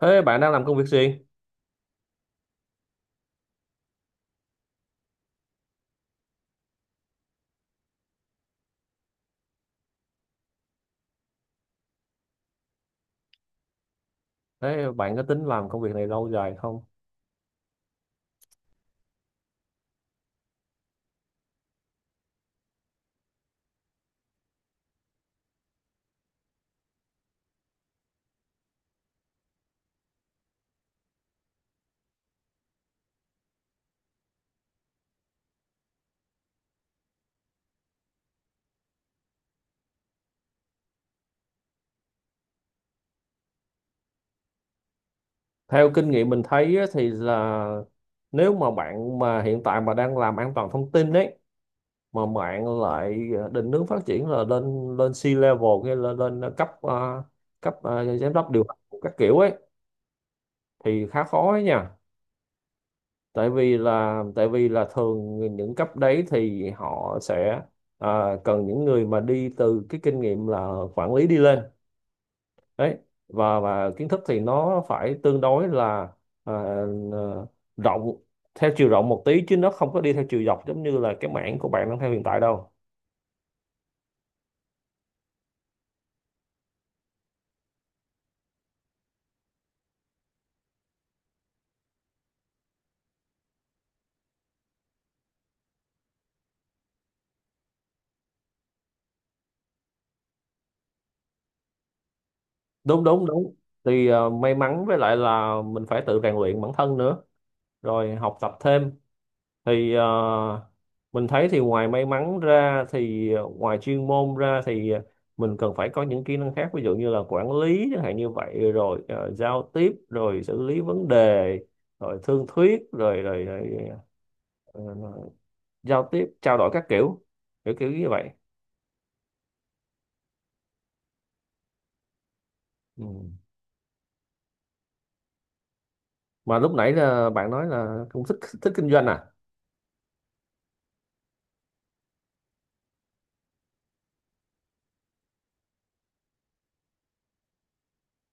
Thế bạn đang làm công việc gì? Thế bạn có tính làm công việc này lâu dài không? Theo kinh nghiệm mình thấy á, thì là nếu mà bạn mà hiện tại mà đang làm an toàn thông tin đấy, mà bạn lại định hướng phát triển là lên lên C-level hay là lên cấp cấp giám đốc điều hành các kiểu ấy thì khá khó ấy nha. Tại vì là thường những cấp đấy thì họ sẽ cần những người mà đi từ cái kinh nghiệm là quản lý đi lên đấy, và kiến thức thì nó phải tương đối là à, ờ, rộng, theo chiều rộng một tí, chứ nó không có đi theo chiều dọc giống như là cái mảng của bạn đang theo hiện tại đâu. Đúng đúng đúng, thì may mắn, với lại là mình phải tự rèn luyện bản thân nữa, rồi học tập thêm, thì mình thấy thì ngoài may mắn ra thì ngoài chuyên môn ra thì mình cần phải có những kỹ năng khác, ví dụ như là quản lý chẳng hạn, như vậy rồi giao tiếp rồi xử lý vấn đề rồi thương thuyết rồi rồi, rồi ờ, giao tiếp trao đổi các kiểu, kiểu như vậy. Ừ. Mà lúc nãy là bạn nói là cũng thích thích kinh doanh à?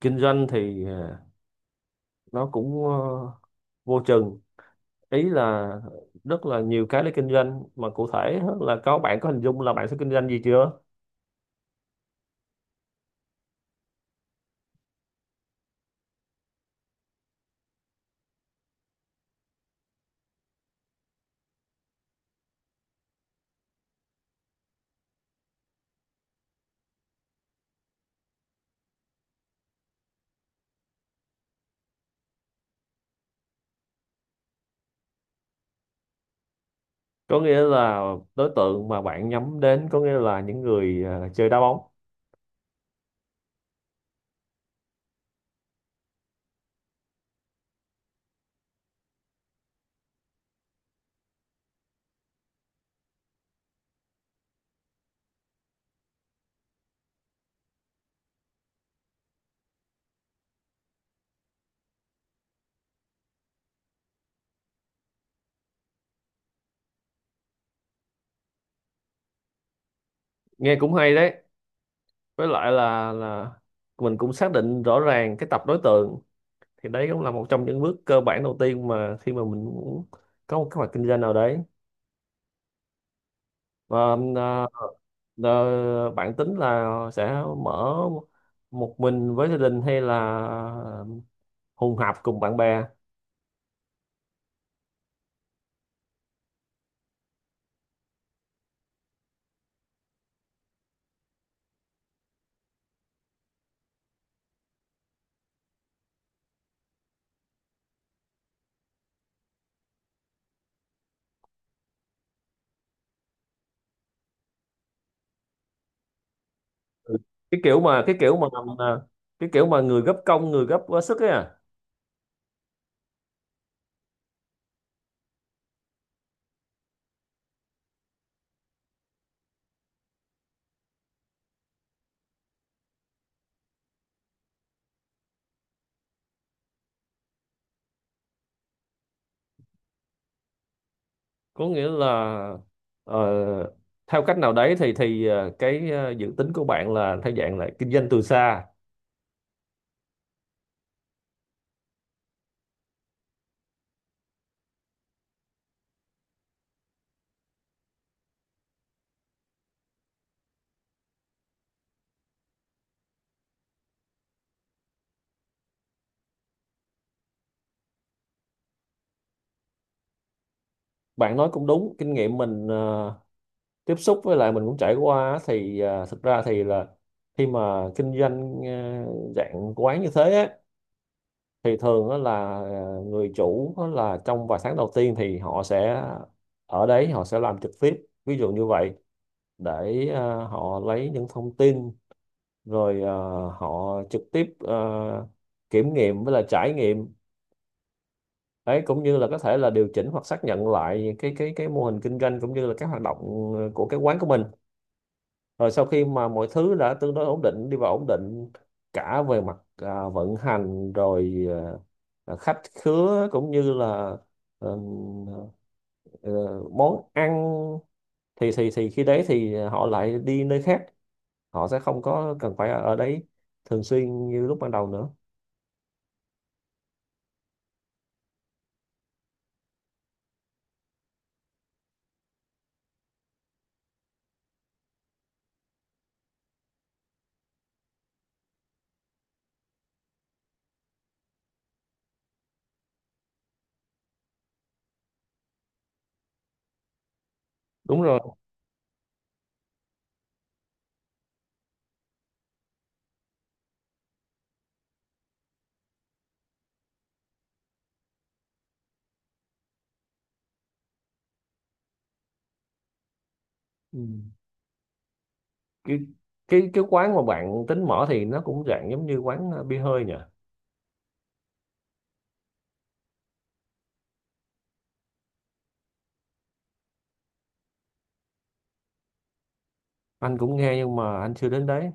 Kinh doanh thì nó cũng vô chừng, ý là rất là nhiều cái để kinh doanh, mà cụ thể á, là có bạn có hình dung là bạn sẽ kinh doanh gì chưa? Có nghĩa là đối tượng mà bạn nhắm đến có nghĩa là những người chơi đá bóng. Nghe cũng hay đấy, với lại là mình cũng xác định rõ ràng cái tập đối tượng, thì đấy cũng là một trong những bước cơ bản đầu tiên mà khi mà mình muốn có một kế hoạch kinh doanh nào đấy, và à, à, bạn tính là sẽ mở một mình với gia đình hay là hùng hạp cùng bạn bè? Ừ, cái kiểu mà cái kiểu mà mà- cái kiểu mà người gấp công người gấp quá sức ấy à. Có nghĩa là ờ, theo cách nào đấy thì cái dự tính của bạn là theo dạng là kinh doanh từ xa. Bạn nói cũng đúng, kinh nghiệm mình tiếp xúc với lại mình cũng trải qua á, thì thực ra thì là khi mà kinh doanh dạng quán như thế á, thì thường á là người chủ á là trong vài tháng đầu tiên thì họ sẽ ở đấy, họ sẽ làm trực tiếp, ví dụ như vậy, để họ lấy những thông tin, rồi họ trực tiếp kiểm nghiệm với là trải nghiệm đấy, cũng như là có thể là điều chỉnh hoặc xác nhận lại cái mô hình kinh doanh cũng như là các hoạt động của cái quán của mình, rồi sau khi mà mọi thứ đã tương đối ổn định, đi vào ổn định cả về mặt vận hành rồi khách khứa cũng như là ờ, ờ, món ăn, thì khi đấy thì họ lại đi nơi khác, họ sẽ không có cần phải ở ở đấy thường xuyên như lúc ban đầu nữa. Đúng rồi. Ừ. cái cái quán mà bạn tính mở thì nó cũng dạng giống như quán bia hơi nhỉ? Anh cũng nghe nhưng mà anh chưa đến đấy.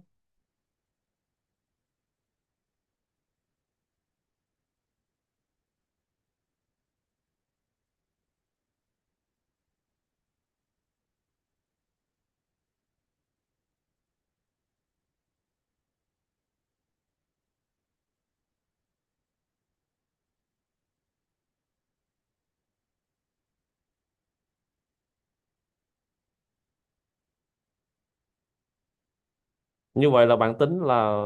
Như vậy là bạn tính là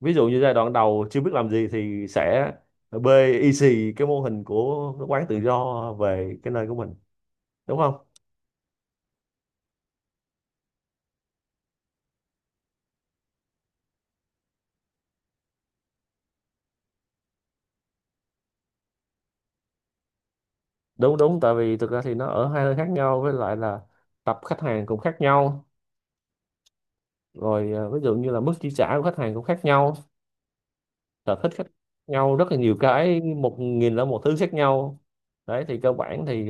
ví dụ như giai đoạn đầu chưa biết làm gì thì sẽ bê y xì cái mô hình của cái quán tự do về cái nơi của mình, đúng không? Đúng đúng, tại vì thực ra thì nó ở hai nơi khác nhau, với lại là tập khách hàng cũng khác nhau, rồi ví dụ như là mức chi trả của khách hàng cũng khác nhau, sở thích khác nhau rất là nhiều cái, 1.000 là một thứ khác nhau. Đấy thì cơ bản thì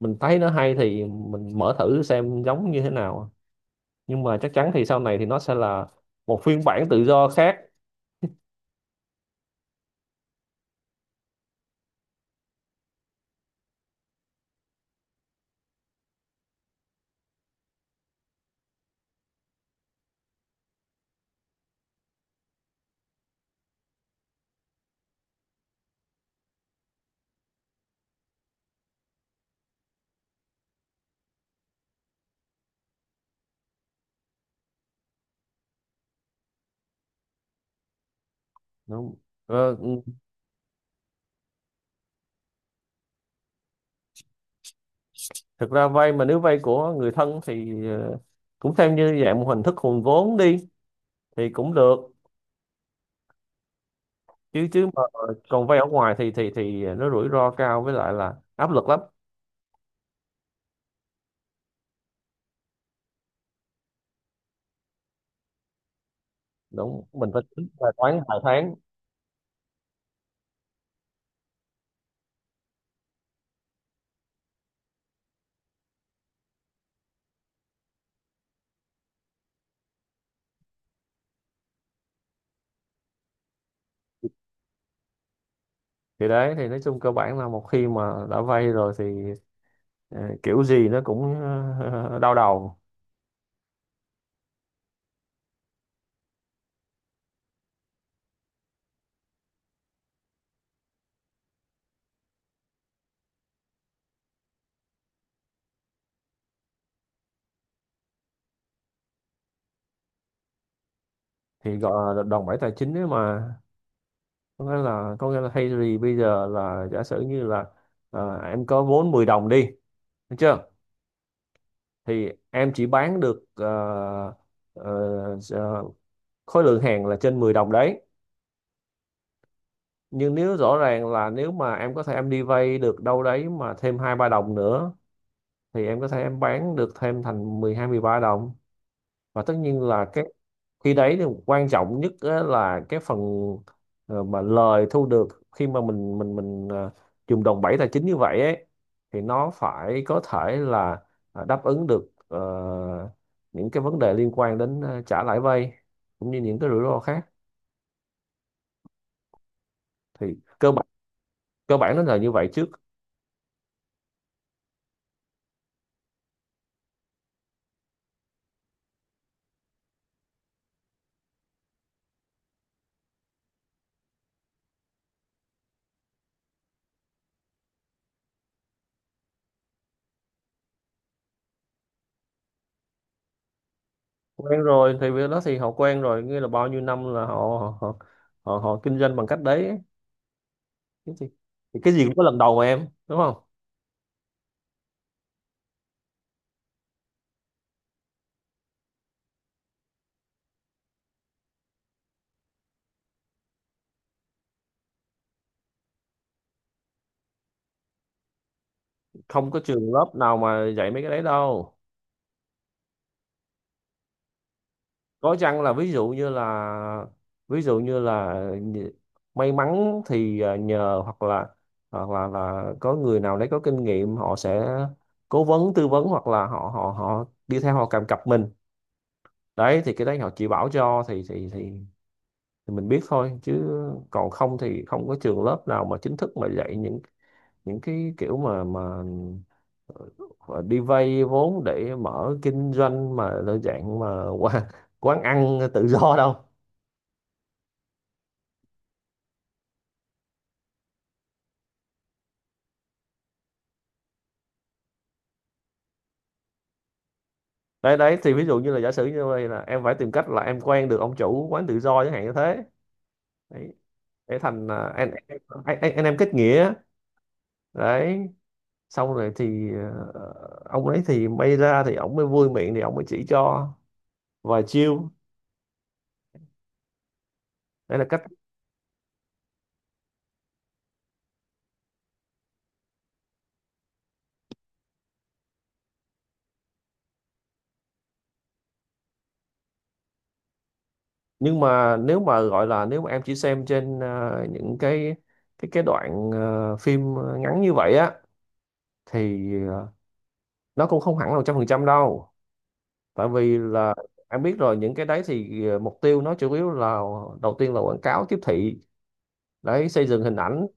mình thấy nó hay thì mình mở thử xem giống như thế nào, nhưng mà chắc chắn thì sau này thì nó sẽ là một phiên bản tự do khác. Đúng. ờ, ừ, Thực ra vay mà, nếu vay của người thân thì cũng xem như dạng một hình thức hùn vốn đi, thì cũng được, chứ chứ mà còn vay ở ngoài thì nó rủi ro cao, với lại là áp lực lắm. Đúng, mình phải tính bài toán vài tháng. Thì đấy thì nói chung cơ bản là một khi mà đã vay rồi thì ờ, kiểu gì nó cũng đau đầu. Thì gọi là đòn bẩy tài chính ấy mà, có nghĩa là thay vì bây giờ là giả sử như là em có vốn 10 đồng đi, được chưa? Thì em chỉ bán được ờ, ờ, khối lượng hàng là trên 10 đồng đấy, nhưng nếu rõ ràng là nếu mà em có thể em đi vay được đâu đấy mà thêm 2 3 đồng nữa, thì em có thể em bán được thêm thành 12 13 đồng. Và tất nhiên là cái khi đấy thì quan trọng nhất á là cái phần mà lời thu được khi mà mình dùng đòn bẩy tài chính như vậy ấy, thì nó phải có thể là đáp ứng được những cái vấn đề liên quan đến trả lãi vay, cũng như những cái rủi ro khác. Thì cơ bản, cơ bản nó là như vậy trước. Quen rồi thì việc đó thì họ quen rồi, nghĩa là bao nhiêu năm là họ kinh doanh bằng cách đấy ấy. Thế thì cái gì cũng có lần đầu mà em, đúng không? Không có trường lớp nào mà dạy mấy cái đấy đâu. Có chăng là ví dụ như là ví dụ như là nh- may mắn thì nhờ, hoặc là có người nào đấy có kinh nghiệm họ sẽ cố vấn tư vấn, hoặc là họ họ họ đi theo họ kèm cặp mình, đấy thì cái đấy họ chỉ bảo cho thì thì mình biết thôi, chứ còn không thì không có trường lớp nào mà chính thức mà dạy những cái kiểu mà đi vay vốn để mở kinh doanh mà đơn dạng mà quán, quán ăn tự do đâu. Đấy đấy, thì ví dụ như là giả sử như vậy là em phải tìm cách là em quen được ông chủ quán tự do chẳng hạn như thế, đấy, để thành anh em kết nghĩa, đấy, xong rồi thì ờ, ông ấy thì may ra thì ông mới vui miệng thì ông mới chỉ cho vài chiêu. Đấy là cách. Nhưng mà nếu mà gọi là nếu mà em chỉ xem trên những cái đoạn phim ngắn như vậy á, thì nó cũng không hẳn là 100% đâu, tại vì là em biết rồi, những cái đấy thì mục tiêu nó chủ yếu là đầu tiên là quảng cáo tiếp thị, đấy, xây dựng hình ảnh.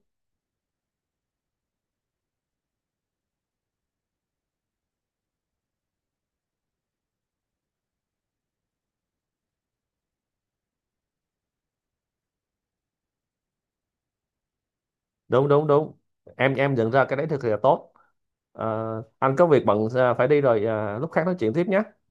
Đúng đúng đúng, em nhận ra cái đấy thực sự là tốt. Ờ, anh có việc bận phải đi rồi, lúc khác nói chuyện tiếp nhé.